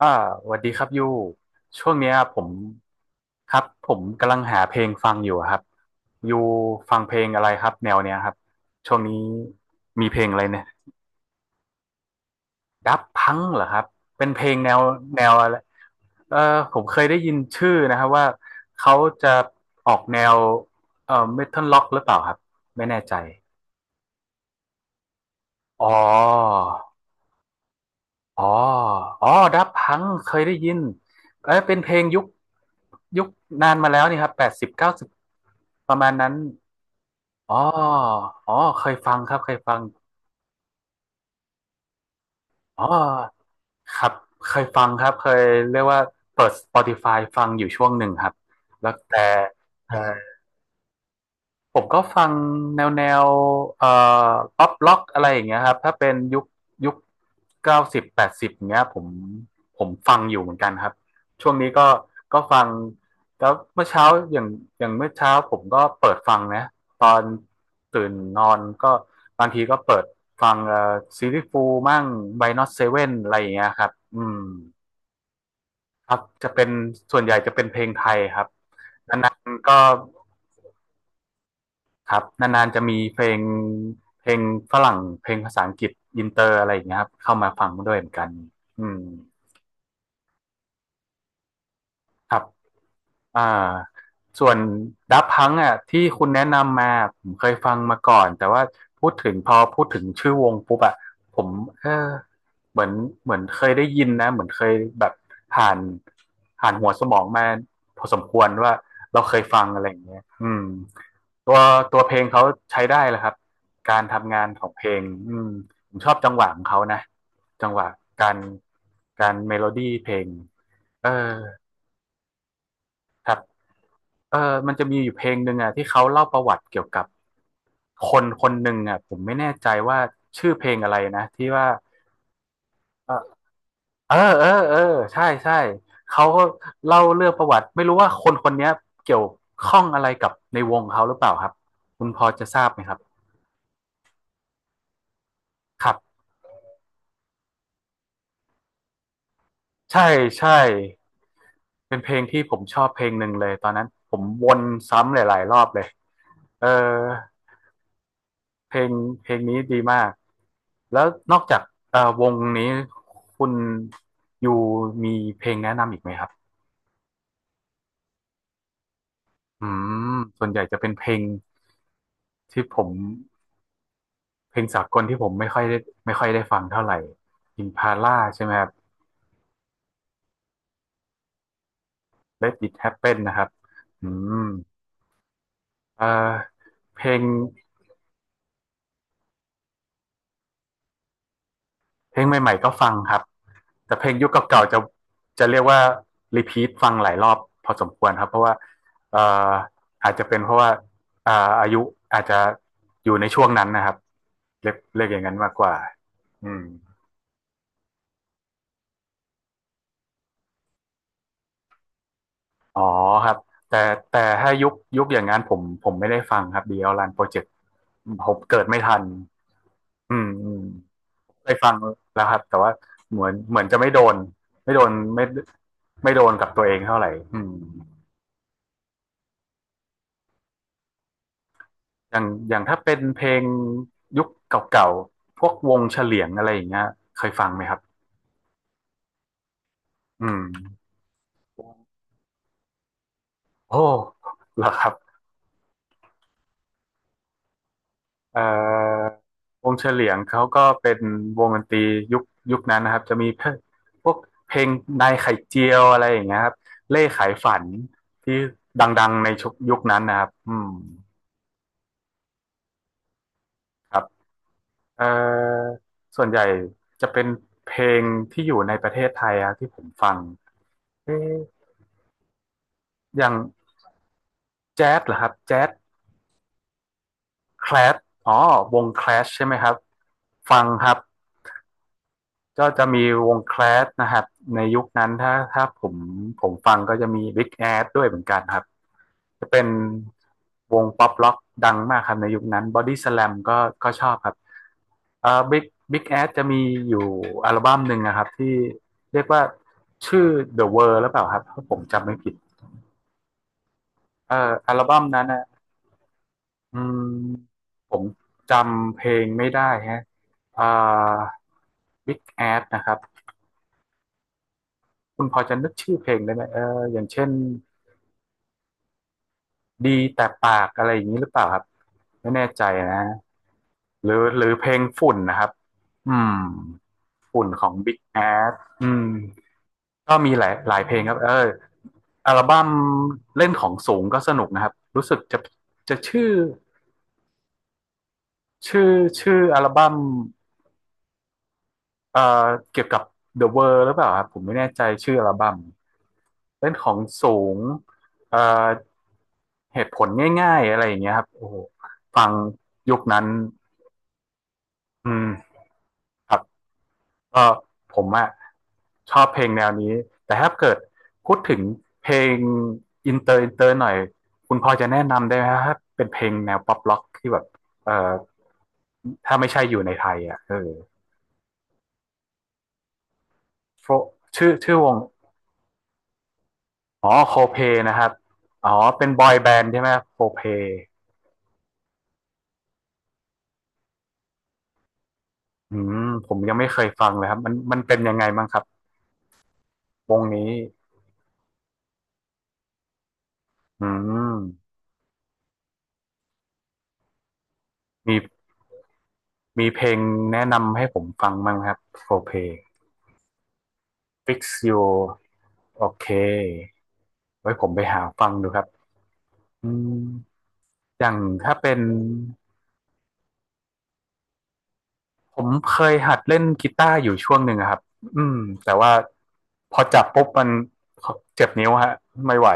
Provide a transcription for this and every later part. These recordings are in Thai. อ่าสวัสดีครับยูช่วงเนี้ยผมครับผมกำลังหาเพลงฟังอยู่อะครับยูฟังเพลงอะไรครับแนวเนี้ยครับช่วงนี้มีเพลงอะไรเนี่ยดับพังเหรอครับเป็นเพลงแนวอะไรเออผมเคยได้ยินชื่อนะครับว่าเขาจะออกแนวเมทัลล็อกหรือเปล่าครับไม่แน่ใจอ๋อ อ๋อ อ๋อ ดับพัง เคยได้ยินเอ้ยเป็นเพลงยุคนานมาแล้วนี่ครับ80-90ประมาณนั้น อ๋อ อ๋อ เคยฟังครับเคยฟังอ๋อครับ เคยฟังครับ เคยเรียกว่าเปิด Spotify ฟังอยู่ช่วงหนึ่งครับ แล้วแต่ใช่ ผมก็ฟังแนวเอ่อป๊อปล็อกอะไรอย่างเงี้ยครับถ้าเป็นยุค90-80เงี้ยผมฟังอยู่เหมือนกันครับช่วงนี้ก็ฟังแล้วเมื่อเช้าอย่างอย่างเมื่อเช้าผมก็เปิดฟังนะตอนตื่นนอนก็บางทีก็เปิดฟังซีรีส์ฟูมั่งไวนอตเซเว่นอะไรอย่างเงี้ยครับอืมครับจะเป็นส่วนใหญ่จะเป็นเพลงไทยครับนานๆก็ ครับนานๆจะมีเพลงฝรั่งเพลงภาษาอังกฤษอินเตอร์อะไรอย่างเงี้ยครับเข้ามาฟังด้วยเหมือนกันอืมครับ อ่าส่วนดับพังอ่ะที่คุณแนะนำมาผมเคยฟังมาก่อนแต่ว่าพูดถึงพอพูดถึงชื่อวงปุ๊บอ่ะผมเออเหมือนเหมือนเคยได้ยินนะเหมือนเคยแบบผ่านผ่านหัวสมองมาพอสมควรว่าเราเคยฟังอะไรอย่างเงี้ยอืมตัวตัวเพลงเขาใช้ได้แหละครับการทำงานของเพลงอืมผมชอบจังหวะของเขานะจังหวะการการเมโลดี้เพลงเออครับ เออมันจะมีอยู่เพลงหนึ่งอ่ะที่เขาเล่าประวัติเกี่ยวกับคนคนหนึ่งอ่ะผมไม่แน่ใจว่าชื่อเพลงอะไรนะที่ว่าเออเออใช่ใช่เขาก็เล่าเรื่องประวัติไม่รู้ว่าคนคนเนี้ยเกี่ยวข้องอะไรกับในวงเขาหรือเปล่าครับคุณพอจะทราบไหมครับครับใช่ใช่เป็นเพลงที่ผมชอบเพลงหนึ่งเลยตอนนั้นผมวนซ้ำหลายๆรอบเลยเออเพลงเพลงนี้ดีมาก แล้วนอกจากวงนี้คุณอยูมีเพลงแนะนำอีกไหมครับอืมส่วนใหญ่จะเป็นเพลงที่ผมเพลงสากลที่ผมไม่ค่อยได้ฟังเท่าไหร่ Impala ใช่ไหมครับ Let It Happen นะครับอืมเอ่อเพลงเพลงใหม่ๆก็ฟังครับ แต่เพลงยุคเก่าๆจะเรียกว่ารีพีทฟังหลายรอบพอสมควรครับเพราะว่าเอ่ออาจจะเป็นเพราะว่าอ่าอายุอาจจะอยู่ในช่วงนั้นนะครับเรียกอย่างนั้นมากกว่าอืมอ๋อครับแต่แต่ถ้ายุคอย่างนั้นผมไม่ได้ฟังครับดีเอลรันโปรเจกต์ Project ผมเกิดไม่ทันอืมเคยฟังแล้วครับแต่ว่าเหมือนจะไม่โดนไม่ไม่โดนกับตัวเองเท่าไหร่อืม อย่างถ้าเป็นเพลงยุคเก่าๆพวกวงเฉลียงอะไรอย่างเงี้ยเคยฟังไหมครับอืมโอ้เหรอครับเอ่อวงเฉลียงเขาก็เป็นวงดนตรียุคยุคนั้นนะครับจะมีเพพวกเพลงนายไข่เจียวอะไรอย่างเงี้ยครับเล่ขายฝันที่ดังๆในชุยุคนั้นนะครับอืมครับเอ่อส่วนใหญ่จะเป็นเพลงที่อยู่ในประเทศไทยอะที่ผมฟังเอ๊ะอย่างแจ๊สเหรอครับแจ๊ส แคลสอ๋อวงแคลสใช่ไหมครับ ฟังครับก็จะมีวงแคลสนะครับ ในยุคนั้นถ้าผมฟังก็จะมีบิ๊กแอดด้วยเหมือนกันครับ จะเป็นวงป๊อปร็อกดังมากครับในยุคนั้นบอดี้ส a ลมก็ก็ชอบครับเอ่อบิ๊กบิ๊กแอดจะมีอยู่อัลบั้มหนึ่งนะครับที่เรียกว่าชื่อ The World หรือเปล่าครับถ้าผมจำไม่ผิดอัลบั้มนั้นนะ อืมผมจำเพลงไม่ได้ฮะอ่า Big Ass นะครับคุณพอจะนึกชื่อเพลงได้ไหมเอออย่างเช่นดีแต่ปากอะไรอย่างนี้หรือเปล่าครับไม่แน่ใจนะหรือเพลงฝุ่นนะครับอืมฝุ่นของ Big Ass อืมก็มีหลายเพลงครับเอออัลบั้มเล่นของสูงก็สนุกนะครับรู้สึกจะชื่อชื่ออัลบั้ม เอ่อเกี่ยวกับ The World หรือเปล่าครับผมไม่แน่ใจชื่ออัลบั้มเล่นของสูงเอ่อเหตุผลง่ายๆอะไรอย่างเงี้ยครับโอ้โหฟังยุคนั้นอืมครับก็ผมอะชอบเพลงแนวนี้แต่ถ้าเกิดพูดถึงเพลงอินเตอร์หน่อยคุณพอจะแนะนำได้ไหมครับถ้าเป็นเพลงแนวป๊อปร็อกที่แบบเอ่อถ้าไม่ใช่อยู่ในไทยอ่ะเออ Fro- ชื่อวง อ๋อโคเพนะครับอ๋อเป็นบอยแบนด์ใช่ไหมโคเพอืมผมยังไม่เคยฟังเลยครับมันเป็นยังไงบ้างครับวงนี้อืมมีมีเพลงแนะนำให้ผมฟังบ้างไหมครับโคเพ Fix You โอเคไว้ผมไปหาฟังดูครับอืมอย่างถ้าเป็นผมเคยหัดเล่นกีตาร์อยู่ช่วงหนึ่งอะครับอืมแต่ว่าพอจับปุ๊บมันเจ็บนิ้วฮะไม่ไหว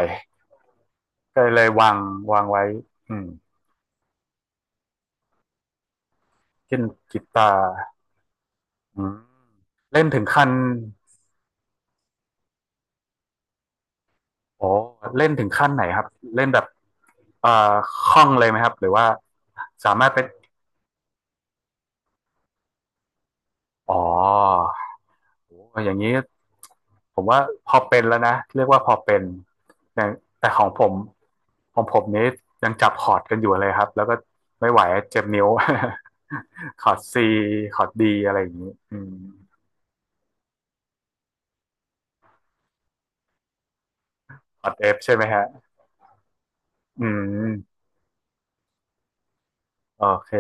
ก็เลยวางวางไว้อืมเช่นกีตาร์อืมเล่นถึงขั้นโอ้เล่นถึงขั้นไหนครับเล่นแบบเอ่อคล่องเลยไหมครับหรือว่าสามารถเป็นอ๋อโอ้อย่างนี้ผมว่าพอเป็นแล้วนะเรียกว่าพอเป็นแต่แต่ของผมของผมนี้ยังจับคอร์ดกันอยู่เลยครับแล้วก็ไม่ไหวเจ็บนิ้ว คอร์ดซีคอร์ดดีอะไรอย่างนี้อืมคอร์ดเอฟใช่ไหมฮะอืมโอเค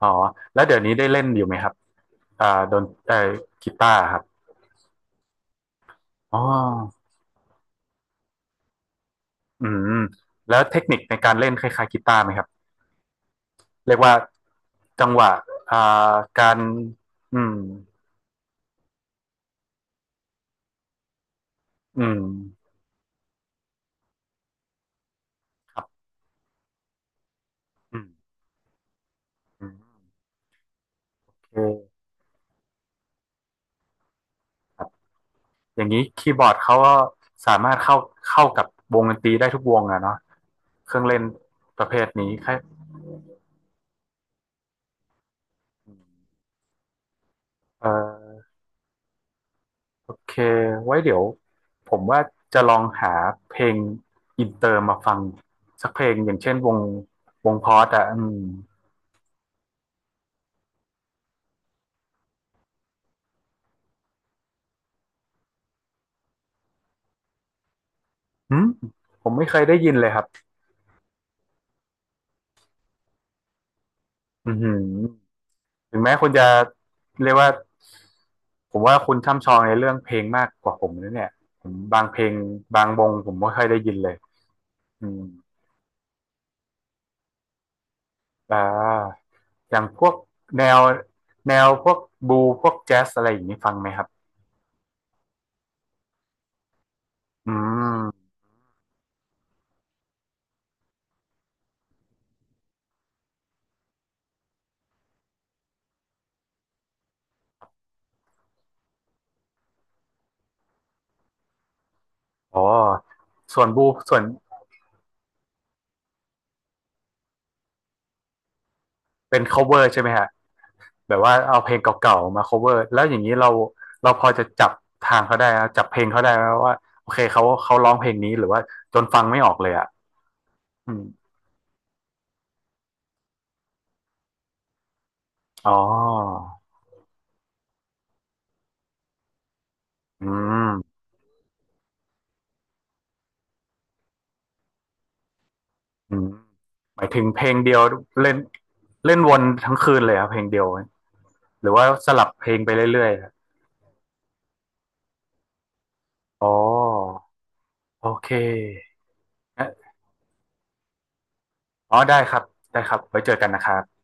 อ๋อแล้วเดี๋ยวนี้ได้เล่นอยู่ไหมครับอ่าดนเอ่อกีตาร์ครับอ๋ออืมแล้วเทคนิคในการเล่นคล้ายๆกีตาร์ไหมครับเรียกว่าจังหวะอ่าการอืมอืมครับอืมอืมโอเคครับอย่างนี้คีย์บอร์ดเขาก็สามารถเข้ากับวงดนตรีได้ทุกวงอะเนาะเครื่องเล่นประเภทนี้ครับเอ่อ โอเคไว้เดี๋ยวผมว่าจะลองหาเพลงอินเตอร์มาฟังสักเพลงอย่างเช่นวงพอดอ่ะอืมหืมผมไม่เคยได้ยินเลยครับอือหือถึงแม้คุณจะเรียกว่าผมว่าคุณช่ำชองในเรื่องเพลงมากกว่าผมนะเนี่ยผมบางเพลงบางวงผมไม่เคยได้ยินเลยอืมอ่าอย่างพวกแนวพวกบลูพวกแจ๊สอะไรอย่างนี้ฟังไหมครับอืมอ๋อส่วนบูส่วน เป็น cover ใช่ไหมฮะแบบว่าเอาเพลงเก่าๆมา cover แล้วอย่างนี้เราพอจะจับทางเขาได้นะจับเพลงเขาได้ไหมว่าโอเคเขาร้องเพลงนี้หรือว่าจนฟังไม่ออกเลยอ่ะอืมอ๋ออืมอืมหมายถึงเพลงเดียวเล่นเล่นวนทั้งคืนเลยครับเพลงเดียวหรือว่าสลับเพลงไปเรื่อยๆอะอ๋อโอเคเอออ๋อได้ครับได้ครับไว้เจอกันนะครับ